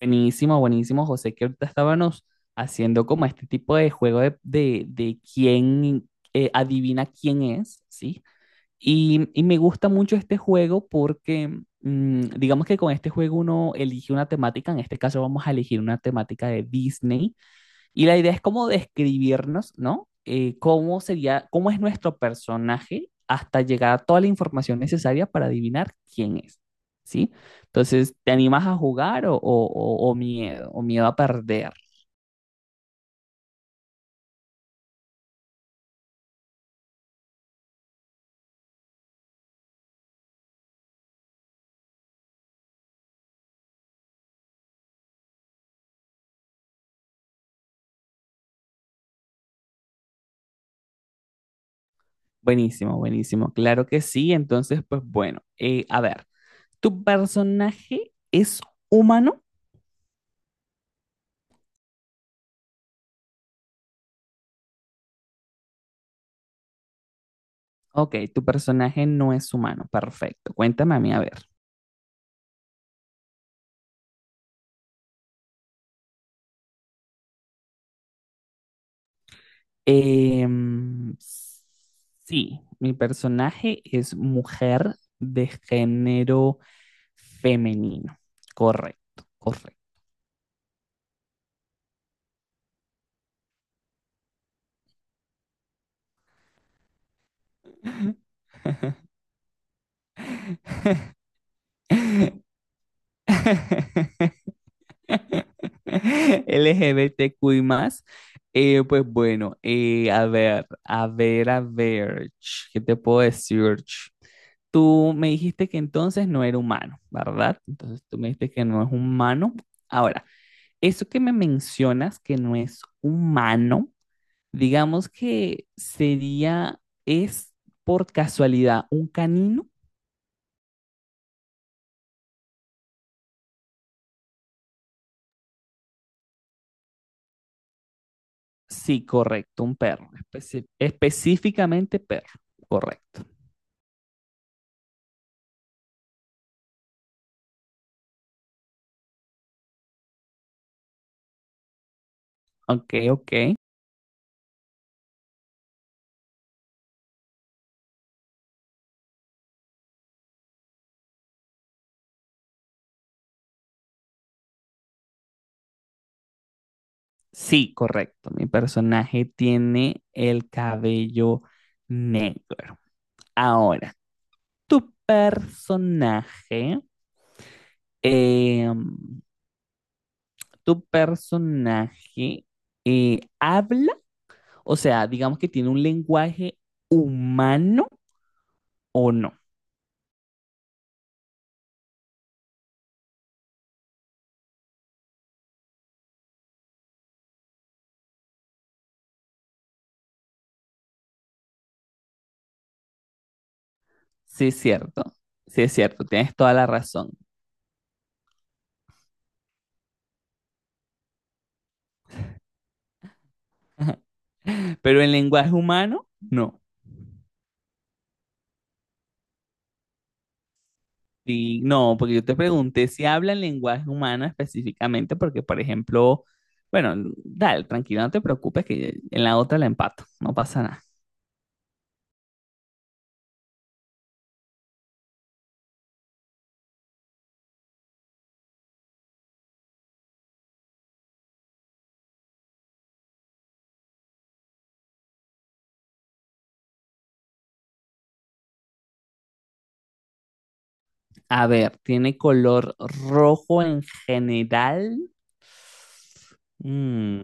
Buenísimo, buenísimo, José, que ahorita estábamos haciendo como este tipo de juego de quién adivina quién es, ¿sí? Y me gusta mucho este juego porque digamos que con este juego uno elige una temática, en este caso vamos a elegir una temática de Disney y la idea es cómo describirnos, ¿no? Cómo sería, cómo es nuestro personaje hasta llegar a toda la información necesaria para adivinar quién es, ¿sí? Entonces, ¿te animas a jugar o miedo, o miedo a perder? Buenísimo, buenísimo, claro que sí. Entonces, pues bueno, a ver, ¿tu personaje es humano? Ok, tu personaje no es humano, perfecto. Cuéntame a mí, a ver. Em, sí, mi personaje es mujer de género femenino. Correcto, correcto. LGBTQI más. Pues bueno, a ver, a ver, a ver, ¿qué te puedo decir? Ch? Tú me dijiste que entonces no era humano, ¿verdad? Entonces tú me dijiste que no es humano. Ahora, eso que me mencionas que no es humano, digamos que sería, es por casualidad un canino. Sí, correcto, un perro, específicamente perro, correcto. Ok, ok. Sí, correcto. Mi personaje tiene el cabello negro. Ahora, tu personaje, em, tu personaje habla. O sea, digamos que tiene un lenguaje humano o no. Sí, es cierto. Sí, es cierto. Tienes toda la razón. Pero en lenguaje humano, no. Sí, no, porque yo te pregunté si habla en lenguaje humano específicamente, porque, por ejemplo, bueno, dale, tranquilo, no te preocupes, que en la otra la empato. No pasa nada. A ver, ¿tiene color rojo en general? Mm,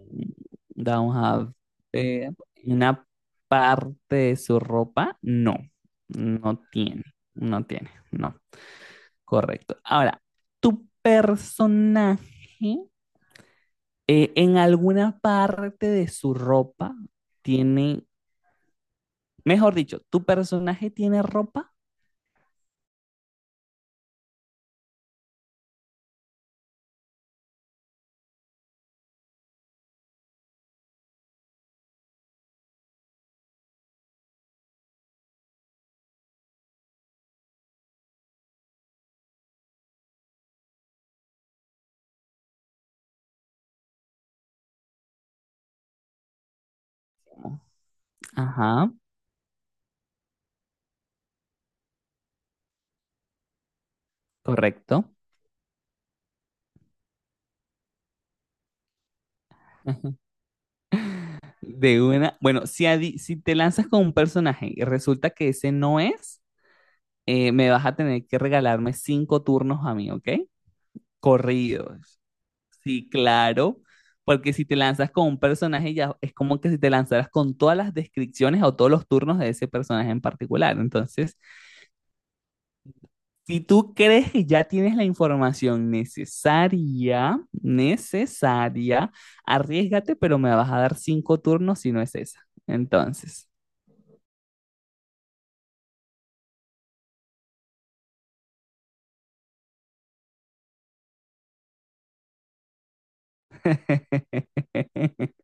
vamos a ver. Una parte de su ropa, no. No tiene. No tiene. No. Correcto. Ahora, tu personaje en alguna parte de su ropa tiene. Mejor dicho, tu personaje tiene ropa. Ajá. Correcto. De una. Bueno, si, si te lanzas con un personaje y resulta que ese no es, me vas a tener que regalarme 5 turnos a mí, ¿ok? Corridos. Sí, claro. Porque si te lanzas con un personaje, ya es como que si te lanzaras con todas las descripciones o todos los turnos de ese personaje en particular. Entonces, si tú crees que ya tienes la información necesaria, necesaria, arriesgate, pero me vas a dar 5 turnos si no es esa. Entonces.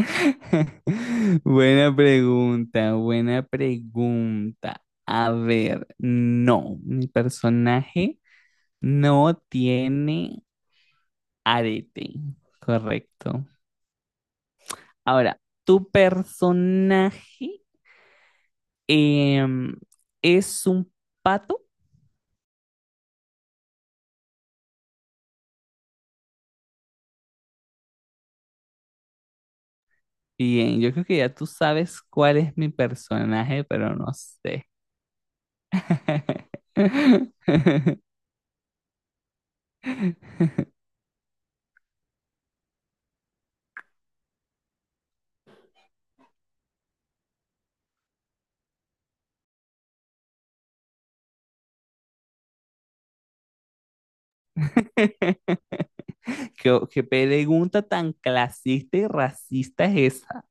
Buena pregunta, buena pregunta. A ver, no, mi personaje no tiene arete, correcto. Ahora, ¿tu personaje em, es un pato? Bien, yo creo que ya tú sabes cuál es mi personaje, pero no sé. ¿Qué, qué pregunta tan clasista y racista es esa?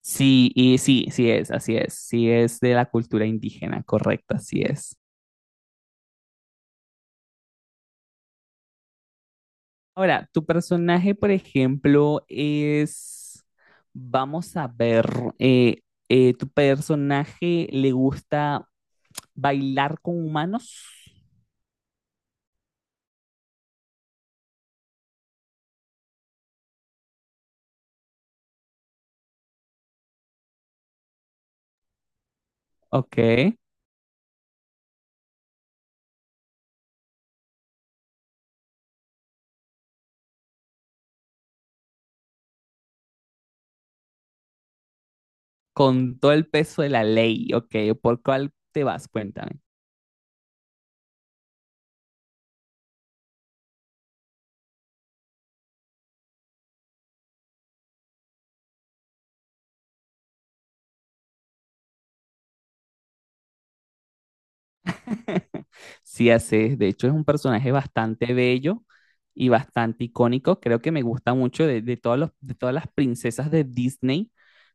Sí, y sí, sí es, así es, sí es de la cultura indígena, correcto, así es. Ahora, tu personaje, por ejemplo, es, vamos a ver, eh, ¿tu personaje le gusta bailar con humanos? Ok, con todo el peso de la ley, ok, ¿por cuál te vas? Cuéntame. Sí, así es. De hecho, es un personaje bastante bello y bastante icónico. Creo que me gusta mucho de de todas las princesas de Disney.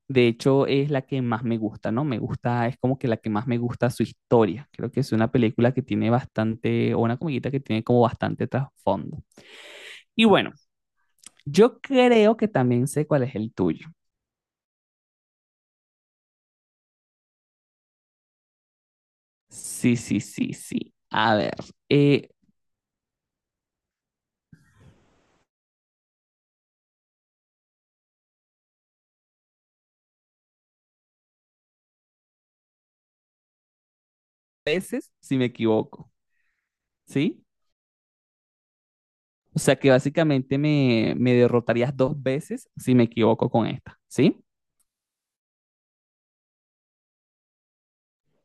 De hecho, es la que más me gusta, ¿no? Me gusta, es como que la que más me gusta su historia. Creo que es una película que tiene bastante, o una comiquita que tiene como bastante trasfondo. Y bueno, yo creo que también sé cuál es el tuyo. Sí, sí, sí, sí. A ver, eh, a veces si me equivoco, ¿sí? O sea que básicamente me, me derrotarías 2 veces si me equivoco con esta, ¿sí?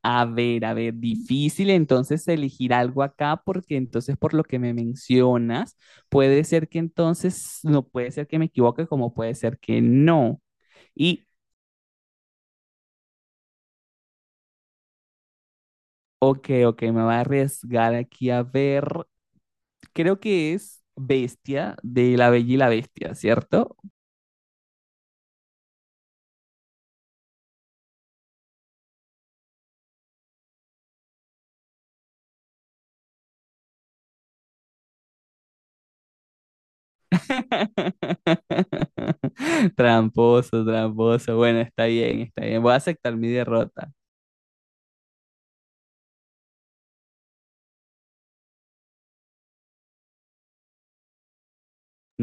A ver, difícil entonces elegir algo acá porque entonces por lo que me mencionas, puede ser que entonces no puede ser que me equivoque como puede ser que no. Y, ok, ok, me voy a arriesgar aquí a ver. Creo que es Bestia de La Bella y la Bestia, ¿cierto? Tramposo, tramposo. Bueno, está bien, está bien. Voy a aceptar mi derrota.